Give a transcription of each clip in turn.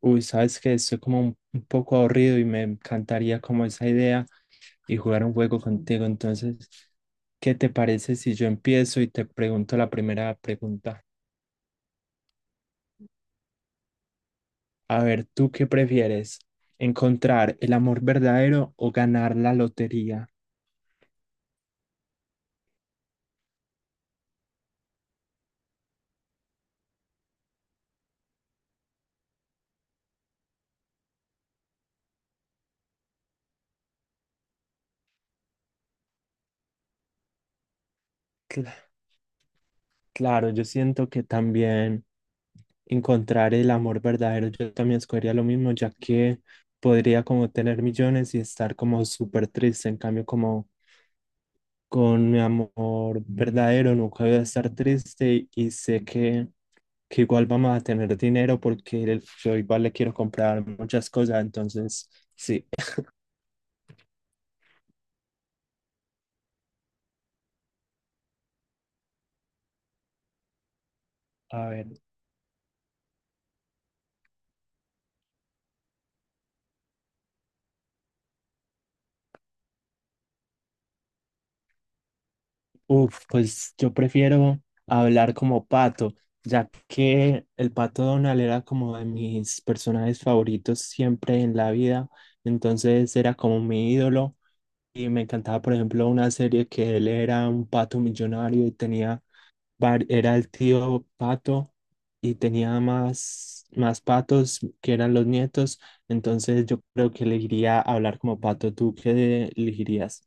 Uy, sabes que estoy como un poco aburrido y me encantaría como esa idea y jugar un juego contigo. Entonces, ¿qué te parece si yo empiezo y te pregunto la primera pregunta? A ver, ¿tú qué prefieres? ¿Encontrar el amor verdadero o ganar la lotería? Cla- claro, yo siento que también encontrar el amor verdadero, yo también escogería lo mismo, ya que podría como tener millones y estar como súper triste. En cambio, como con mi amor verdadero, nunca voy a estar triste y sé que igual vamos a tener dinero porque yo igual le quiero comprar muchas cosas, entonces sí, a ver, uf, pues yo prefiero hablar como pato, ya que el pato Donald era como de mis personajes favoritos siempre en la vida, entonces era como mi ídolo. Y me encantaba, por ejemplo, una serie que él era un pato millonario y tenía era el tío pato y tenía más patos que eran los nietos, entonces yo creo que elegiría hablar como pato. ¿Tú qué elegirías?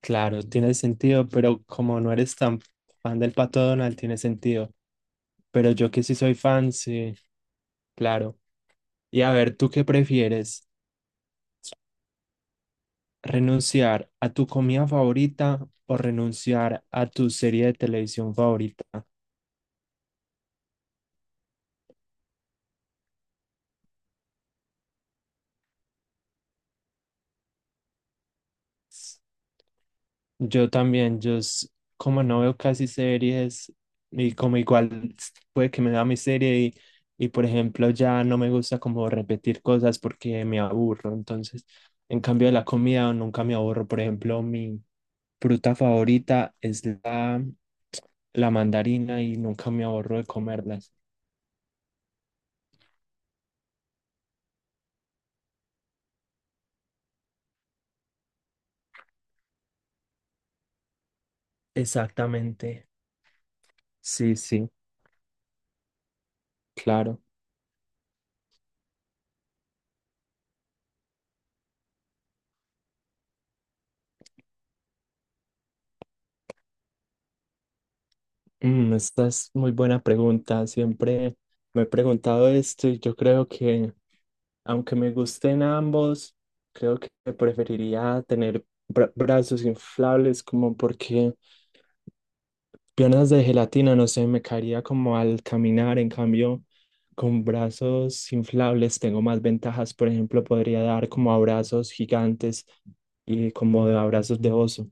Claro, tiene sentido, pero como no eres tan fan del pato Donald, tiene sentido. Pero yo que sí soy fan, sí, claro. Y a ver, ¿tú qué prefieres? ¿Renunciar a tu comida favorita o renunciar a tu serie de televisión favorita? Yo también, como no veo casi series y como puede que me da mi serie y por ejemplo ya no me gusta como repetir cosas porque me aburro. Entonces, en cambio de la comida nunca me aburro. Por ejemplo, mi fruta favorita es la mandarina y nunca me aburro de comerlas. Exactamente. Sí, sí, claro. Mm, esta es muy buena pregunta. Siempre me he preguntado esto y yo creo que... Aunque me gusten ambos, creo que preferiría tener brazos inflables como porque piernas de gelatina, no sé, me caería como al caminar. En cambio, con brazos inflables tengo más ventajas. Por ejemplo, podría dar como abrazos gigantes y como de abrazos de oso.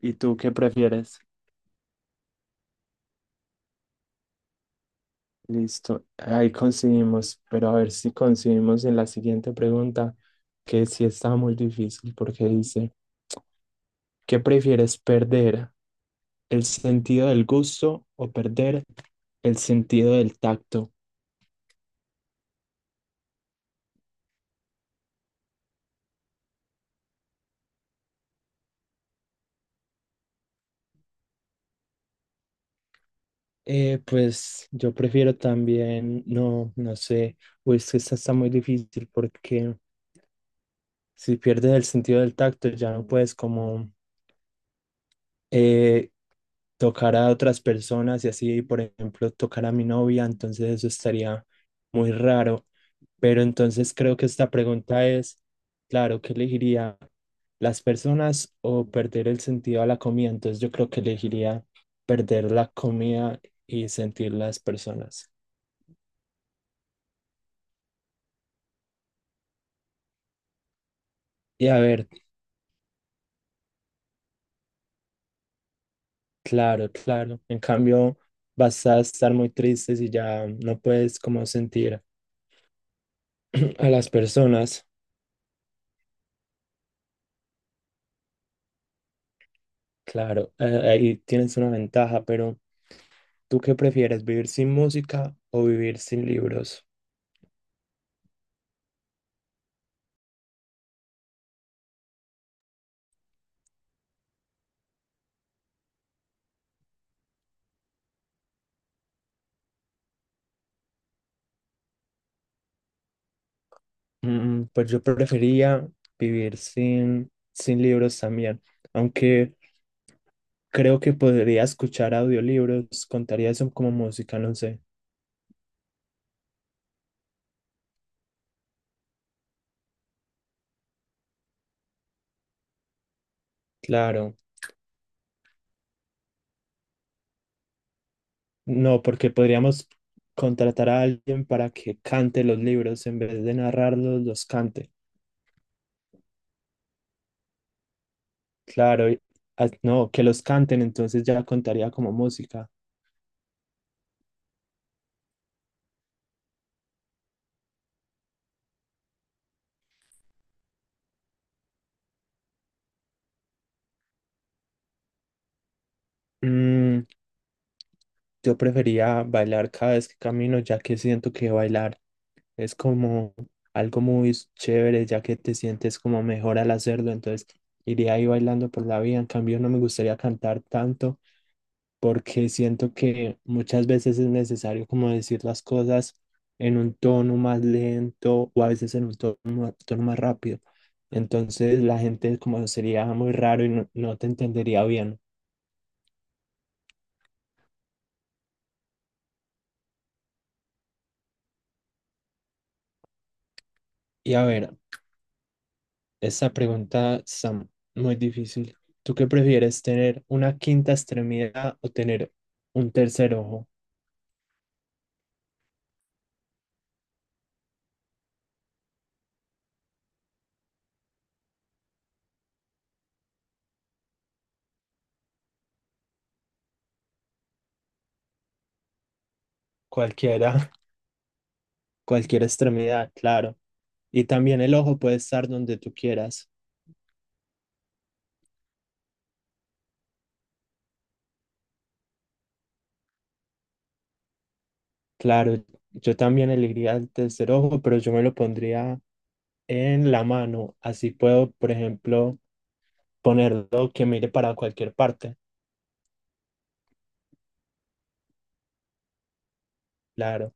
¿Y tú qué prefieres? Listo, ahí coincidimos, pero a ver si coincidimos en la siguiente pregunta, que sí está muy difícil porque dice, ¿qué prefieres perder? ¿El sentido del gusto o perder el sentido del tacto? Pues yo prefiero también, no, no sé, uy, es que esta está muy difícil porque si pierdes el sentido del tacto ya no puedes como eh, tocar a otras personas y así, por ejemplo, tocar a mi novia, entonces eso estaría muy raro. Pero entonces creo que esta pregunta es, claro, ¿qué elegiría? ¿Las personas o perder el sentido a la comida? Entonces yo creo que elegiría perder la comida y sentir las personas. Y a ver, claro, claro. En cambio, vas a estar muy triste si ya no puedes como sentir a las personas. Claro, ahí tienes una ventaja, pero ¿tú qué prefieres, vivir sin música o vivir sin libros? Mm, pues yo preferiría vivir sin libros también, aunque creo que podría escuchar audiolibros, contaría eso como música, no sé. Claro, no, porque podríamos contratar a alguien para que cante los libros en vez de narrarlos, los cante. Claro, ah, no, que los canten, entonces ya contaría como música. Mm, yo prefería bailar cada vez que camino, ya que siento que bailar es como algo muy chévere, ya que te sientes como mejor al hacerlo, entonces iría ahí bailando por la vida. En cambio, no me gustaría cantar tanto porque siento que muchas veces es necesario como decir las cosas en un tono más lento o a veces en un tono más rápido. Entonces la gente como sería muy raro y no, no te entendería bien. Y a ver, esta pregunta está muy difícil. ¿Tú qué prefieres, tener una quinta extremidad o tener un tercer ojo? Cualquiera, cualquier extremidad, claro. Y también el ojo puede estar donde tú quieras. Claro, yo también elegiría el tercer ojo, pero yo me lo pondría en la mano. Así puedo, por ejemplo, ponerlo que mire para cualquier parte. Claro.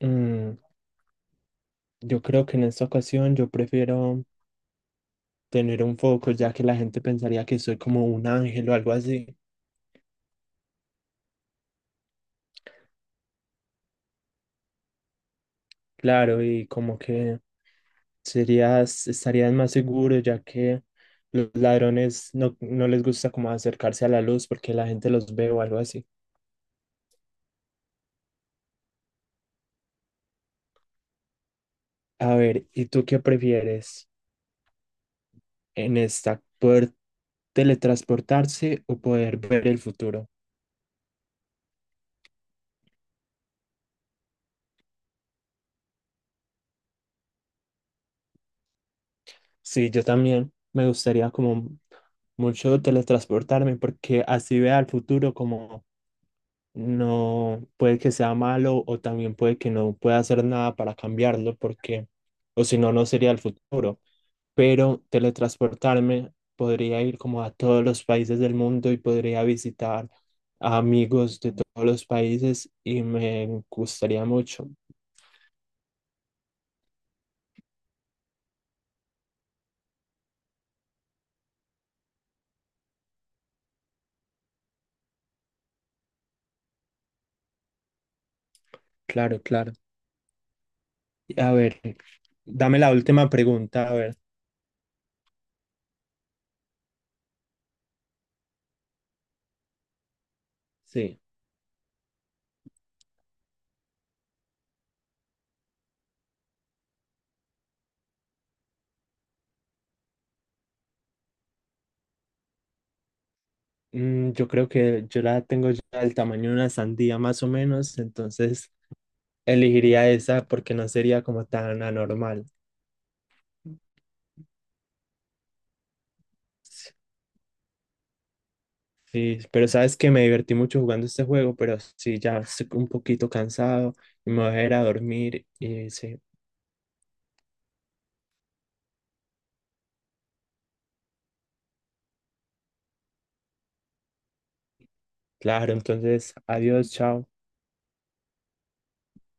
Mm, yo creo que en esta ocasión yo prefiero tener un foco, ya que la gente pensaría que soy como un ángel o algo así. Claro, y como que serías, estarías más seguro, ya que los ladrones no, no les gusta como acercarse a la luz porque la gente los ve o algo así. A ver, ¿y tú qué prefieres en esta? ¿Poder teletransportarse o poder ver el futuro? Sí, yo también me gustaría como mucho teletransportarme porque así vea el futuro como no, puede que sea malo o también puede que no pueda hacer nada para cambiarlo porque o si no, no sería el futuro. Pero teletransportarme podría ir como a todos los países del mundo y podría visitar a amigos de todos los países y me gustaría mucho. Claro, claro. A ver, dame la última pregunta, a ver. Sí, mm, yo creo que yo la tengo ya del tamaño de una sandía más o menos, entonces elegiría esa porque no sería como tan anormal. Sí, pero sabes que me divertí mucho jugando este juego, pero sí, ya estoy un poquito cansado y me voy a ir a dormir y sí, claro, entonces adiós, chao.